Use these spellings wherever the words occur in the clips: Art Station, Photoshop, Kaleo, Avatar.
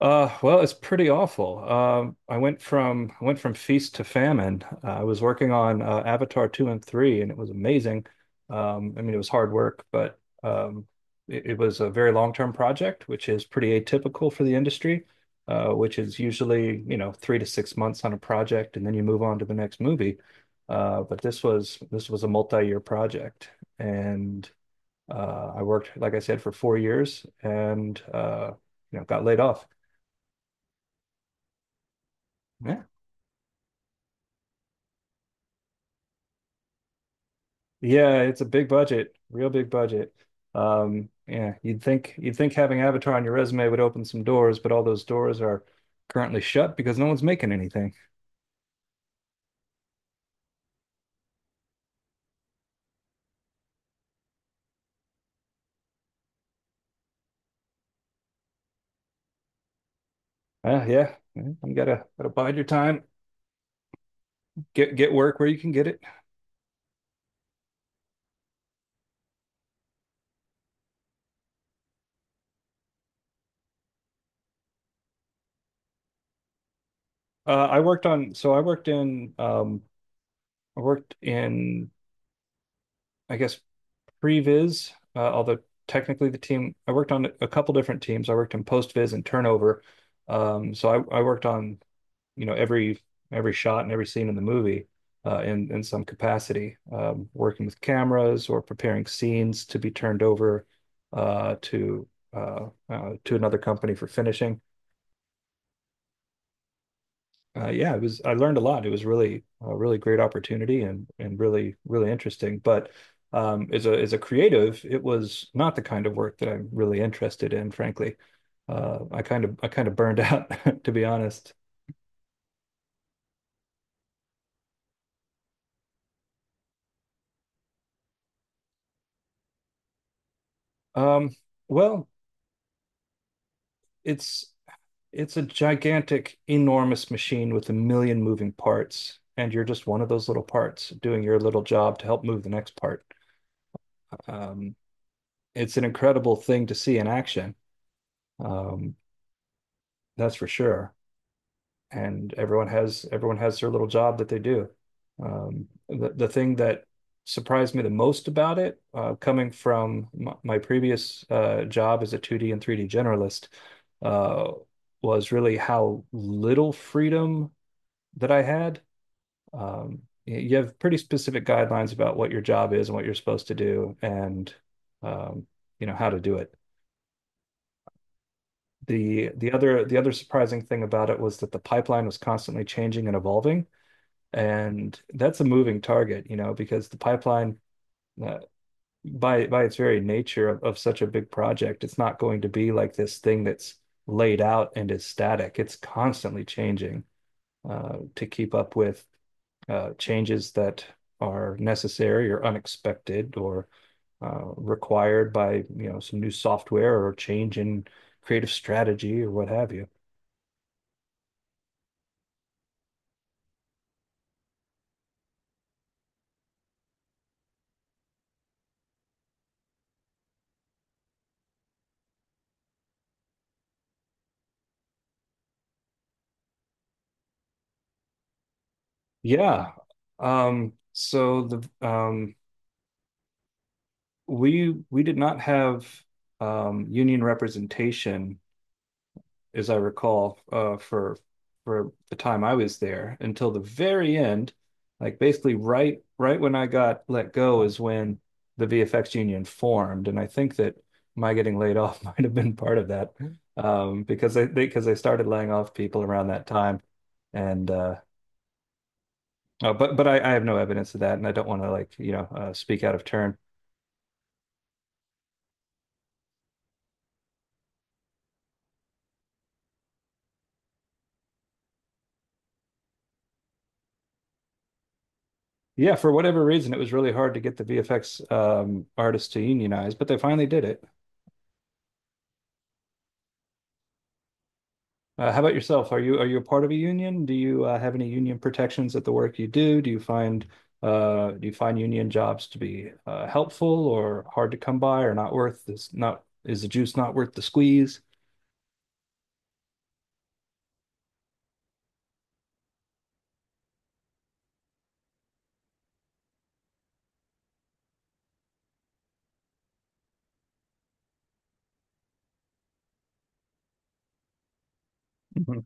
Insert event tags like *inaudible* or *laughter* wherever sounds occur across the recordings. Well, it's pretty awful. I went from feast to famine. I was working on Avatar 2 and 3, and it was amazing. I mean, it was hard work, but it was a very long-term project, which is pretty atypical for the industry, which is usually, you know, 3 to 6 months on a project, and then you move on to the next movie. But this was a multi-year project, and I worked, like I said, for 4 years and you know, got laid off. Yeah. Yeah, it's a big budget, real big budget. Yeah, you'd think having Avatar on your resume would open some doors, but all those doors are currently shut because no one's making anything. Yeah, yeah, you gotta bide your time, get work where you can get it. So I worked in, I worked in, I guess pre-viz, although technically the team I worked on a couple different teams. I worked in post-viz and turnover. So I worked on, you know, every shot and every scene in the movie in some capacity, working with cameras or preparing scenes to be turned over uh, to to another company for finishing. Yeah, it was. I learned a lot. It was really a really great opportunity and really interesting. But as a creative, it was not the kind of work that I'm really interested in, frankly. I kind of burned out, *laughs* to be honest. Um, well, it's it's a gigantic, enormous machine with a million moving parts, and you're just one of those little parts doing your little job to help move the next part. Um, it's an incredible thing to see in action. Um, that's for sure. And everyone has their little job that they do. The thing that surprised me the most about it, coming from my previous job as a 2D and 3D generalist, uh, was really how little freedom that I had. Um, you have pretty specific guidelines about what your job is and what you're supposed to do, and um, you know how to do it. The other surprising thing about it was that the pipeline was constantly changing and evolving. And that's a moving target, you know, because the pipeline, uh, by its very nature of, such a big project, it's not going to be like this thing that's laid out and is static. It's constantly changing to keep up with changes that are necessary or unexpected or required by, you know, some new software or change in creative strategy or what have you. Yeah. So the we did not have union representation, as I recall, for the time I was there until the very end. Like basically, right when I got let go is when the VFX union formed, and I think that my getting laid off *laughs* might have been part of that because they started laying off people around that time, and oh, but I have no evidence of that, and I don't want to like you know speak out of turn. Yeah, for whatever reason, it was really hard to get the VFX artists to unionize, but they finally did it. How about yourself? Are you a part of a union? Do you have any union protections at the work you do? Do you find do you find union jobs to be helpful or hard to come by or not worth this? Not is the juice not worth the squeeze? Mhm.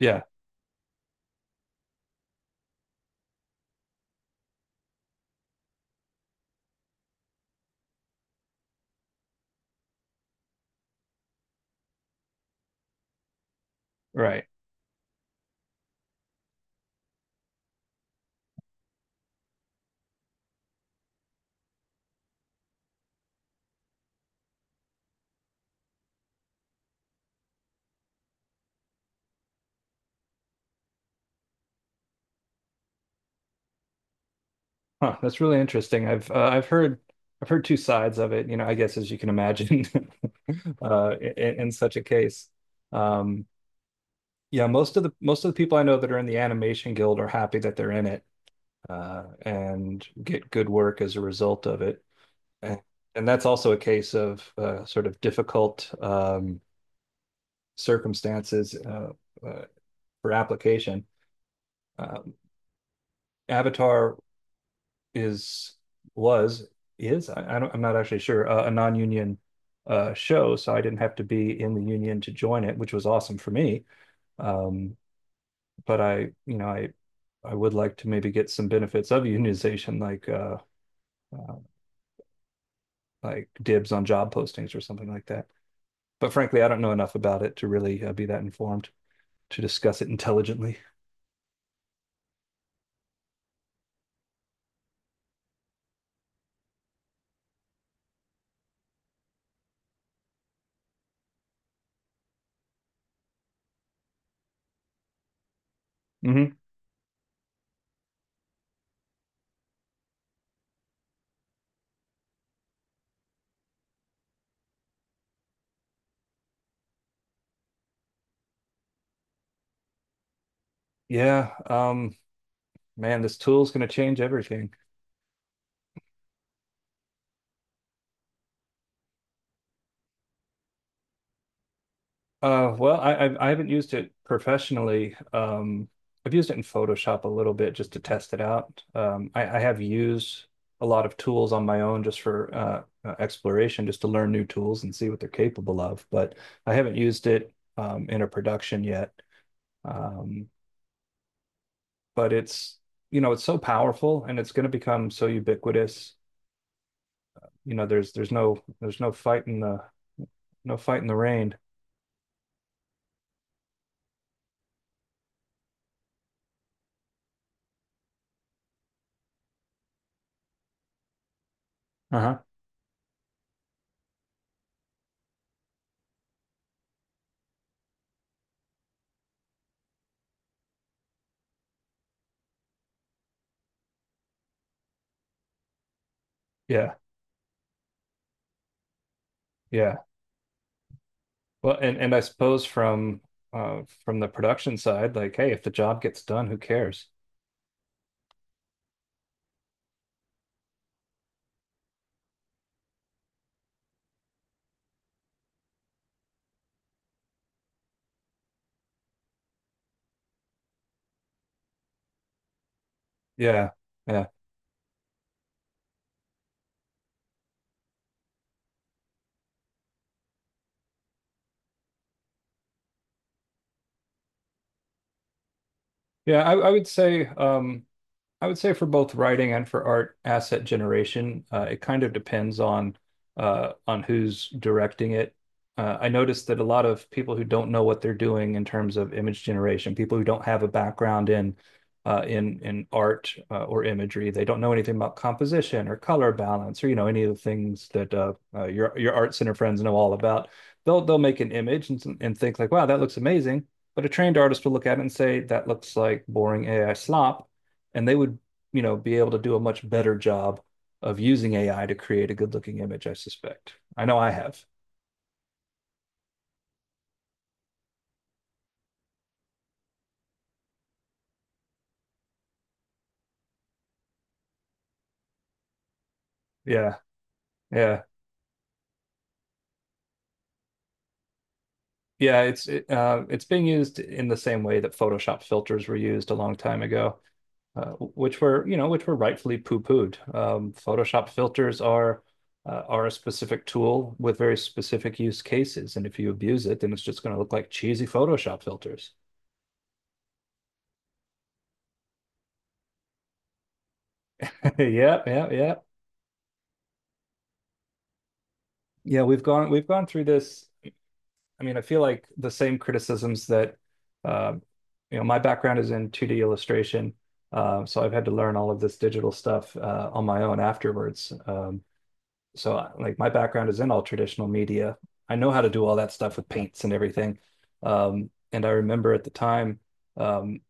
Yeah, right. Huh, that's really interesting. I've heard two sides of it. You know, I guess as you can imagine, *laughs* in, such a case. Um, Yeah, most of the people I know that are in the animation guild are happy that they're in it and get good work as a result of it. And, and that's also a case of sort of difficult circumstances uh, for application. Um, Avatar is was is I don't I'm not actually sure a non-union show, so I didn't have to be in the union to join it, which was awesome for me. Um, but you know, I would like to maybe get some benefits of unionization, uh, like dibs on job postings or something like that. But frankly, I don't know enough about it to really be that informed to discuss it intelligently. Hmm. Yeah, man, this tool's going to change everything. I haven't used it professionally. I've used it in Photoshop a little bit just to test it out. I have used a lot of tools on my own just for exploration, just to learn new tools and see what they're capable of. But I haven't used it in a production yet. Um, but it's it's so powerful and it's going to become so ubiquitous. You know, there's no fight in the rain. Uh-huh. Yeah, yeah. Well, and I suppose from the production side, like, hey, if the job gets done, who cares? Yeah. Yeah. Yeah, I, I would say um I would say for both writing and for art asset generation, it kind of depends on who's directing it. I noticed that a lot of people who don't know what they're doing in terms of image generation, people who don't have a background in in art or imagery, they don't know anything about composition or color balance or you know any of the things that your art center friends know all about. They'll make an image and think like, wow, that looks amazing. But a trained artist will look at it and say, that looks like boring AI slop, and they would, you know, be able to do a much better job of using AI to create a good looking image, I suspect. I know I have. Yeah, yeah. Yeah, it's it's being used in the same way that Photoshop filters were used a long time ago, which were, you know, which were rightfully poo-pooed. Photoshop filters are a specific tool with very specific use cases, and if you abuse it, then it's just going to look like cheesy Photoshop filters. *laughs* Yep, yep, yep. Yeah, we've gone through this. I mean, I feel like the same criticisms that, uh, you know, my background is in 2D illustration, so I've had to learn all of this digital stuff on my own afterwards. Like, my background is in all traditional media. I know how to do all that stuff with paints and everything. And I remember at the time, um,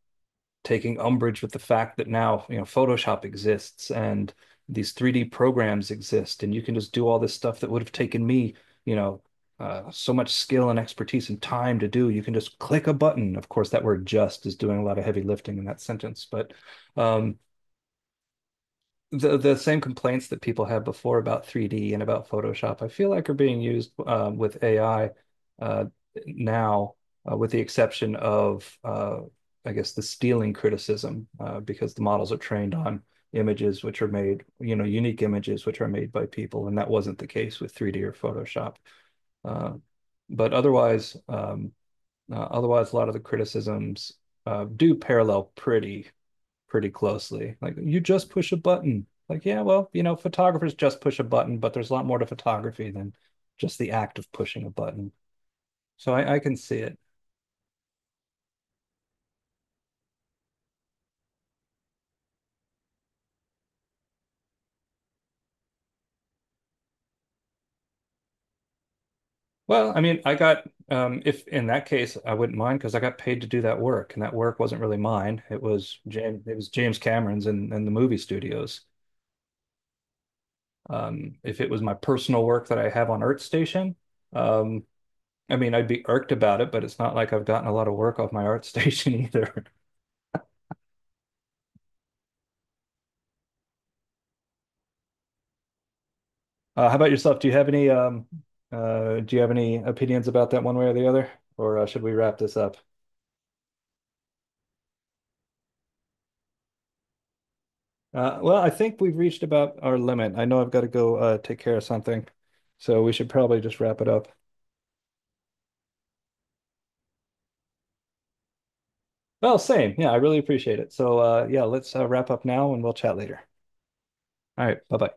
taking umbrage with the fact that now, you know, Photoshop exists and these 3D programs exist, and you can just do all this stuff that would have taken me, you know, so much skill and expertise and time to do. You can just click a button. Of course, that word just is doing a lot of heavy lifting in that sentence, but um, the same complaints that people had before about 3D and about Photoshop, I feel like are being used with AI uh, now, with the exception of I guess the stealing criticism, because the models are trained on images which are made, you know, unique images which are made by people, and that wasn't the case with 3D or Photoshop. Uh, but otherwise, otherwise, a lot of the criticisms do parallel pretty closely. Like you just push a button. Like, yeah, well, you know, photographers just push a button, but there's a lot more to photography than just the act of pushing a button. So I can see it. Well, I mean, I got if in that case I wouldn't mind because I got paid to do that work, and that work wasn't really mine. It was James. It was James Cameron's and the movie studios. If it was my personal work that I have on Art Station, um, I mean, I'd be irked about it, but it's not like I've gotten a lot of work off my Art *laughs* Station either. How about yourself? Do you have any do you have any opinions about that one way or the other, or should we wrap this up? I think we've reached about our limit. I know I've got to go take care of something, so we should probably just wrap it up. Well, same. Yeah, I really appreciate it. So yeah, let's wrap up now, and we'll chat later. All right, bye bye.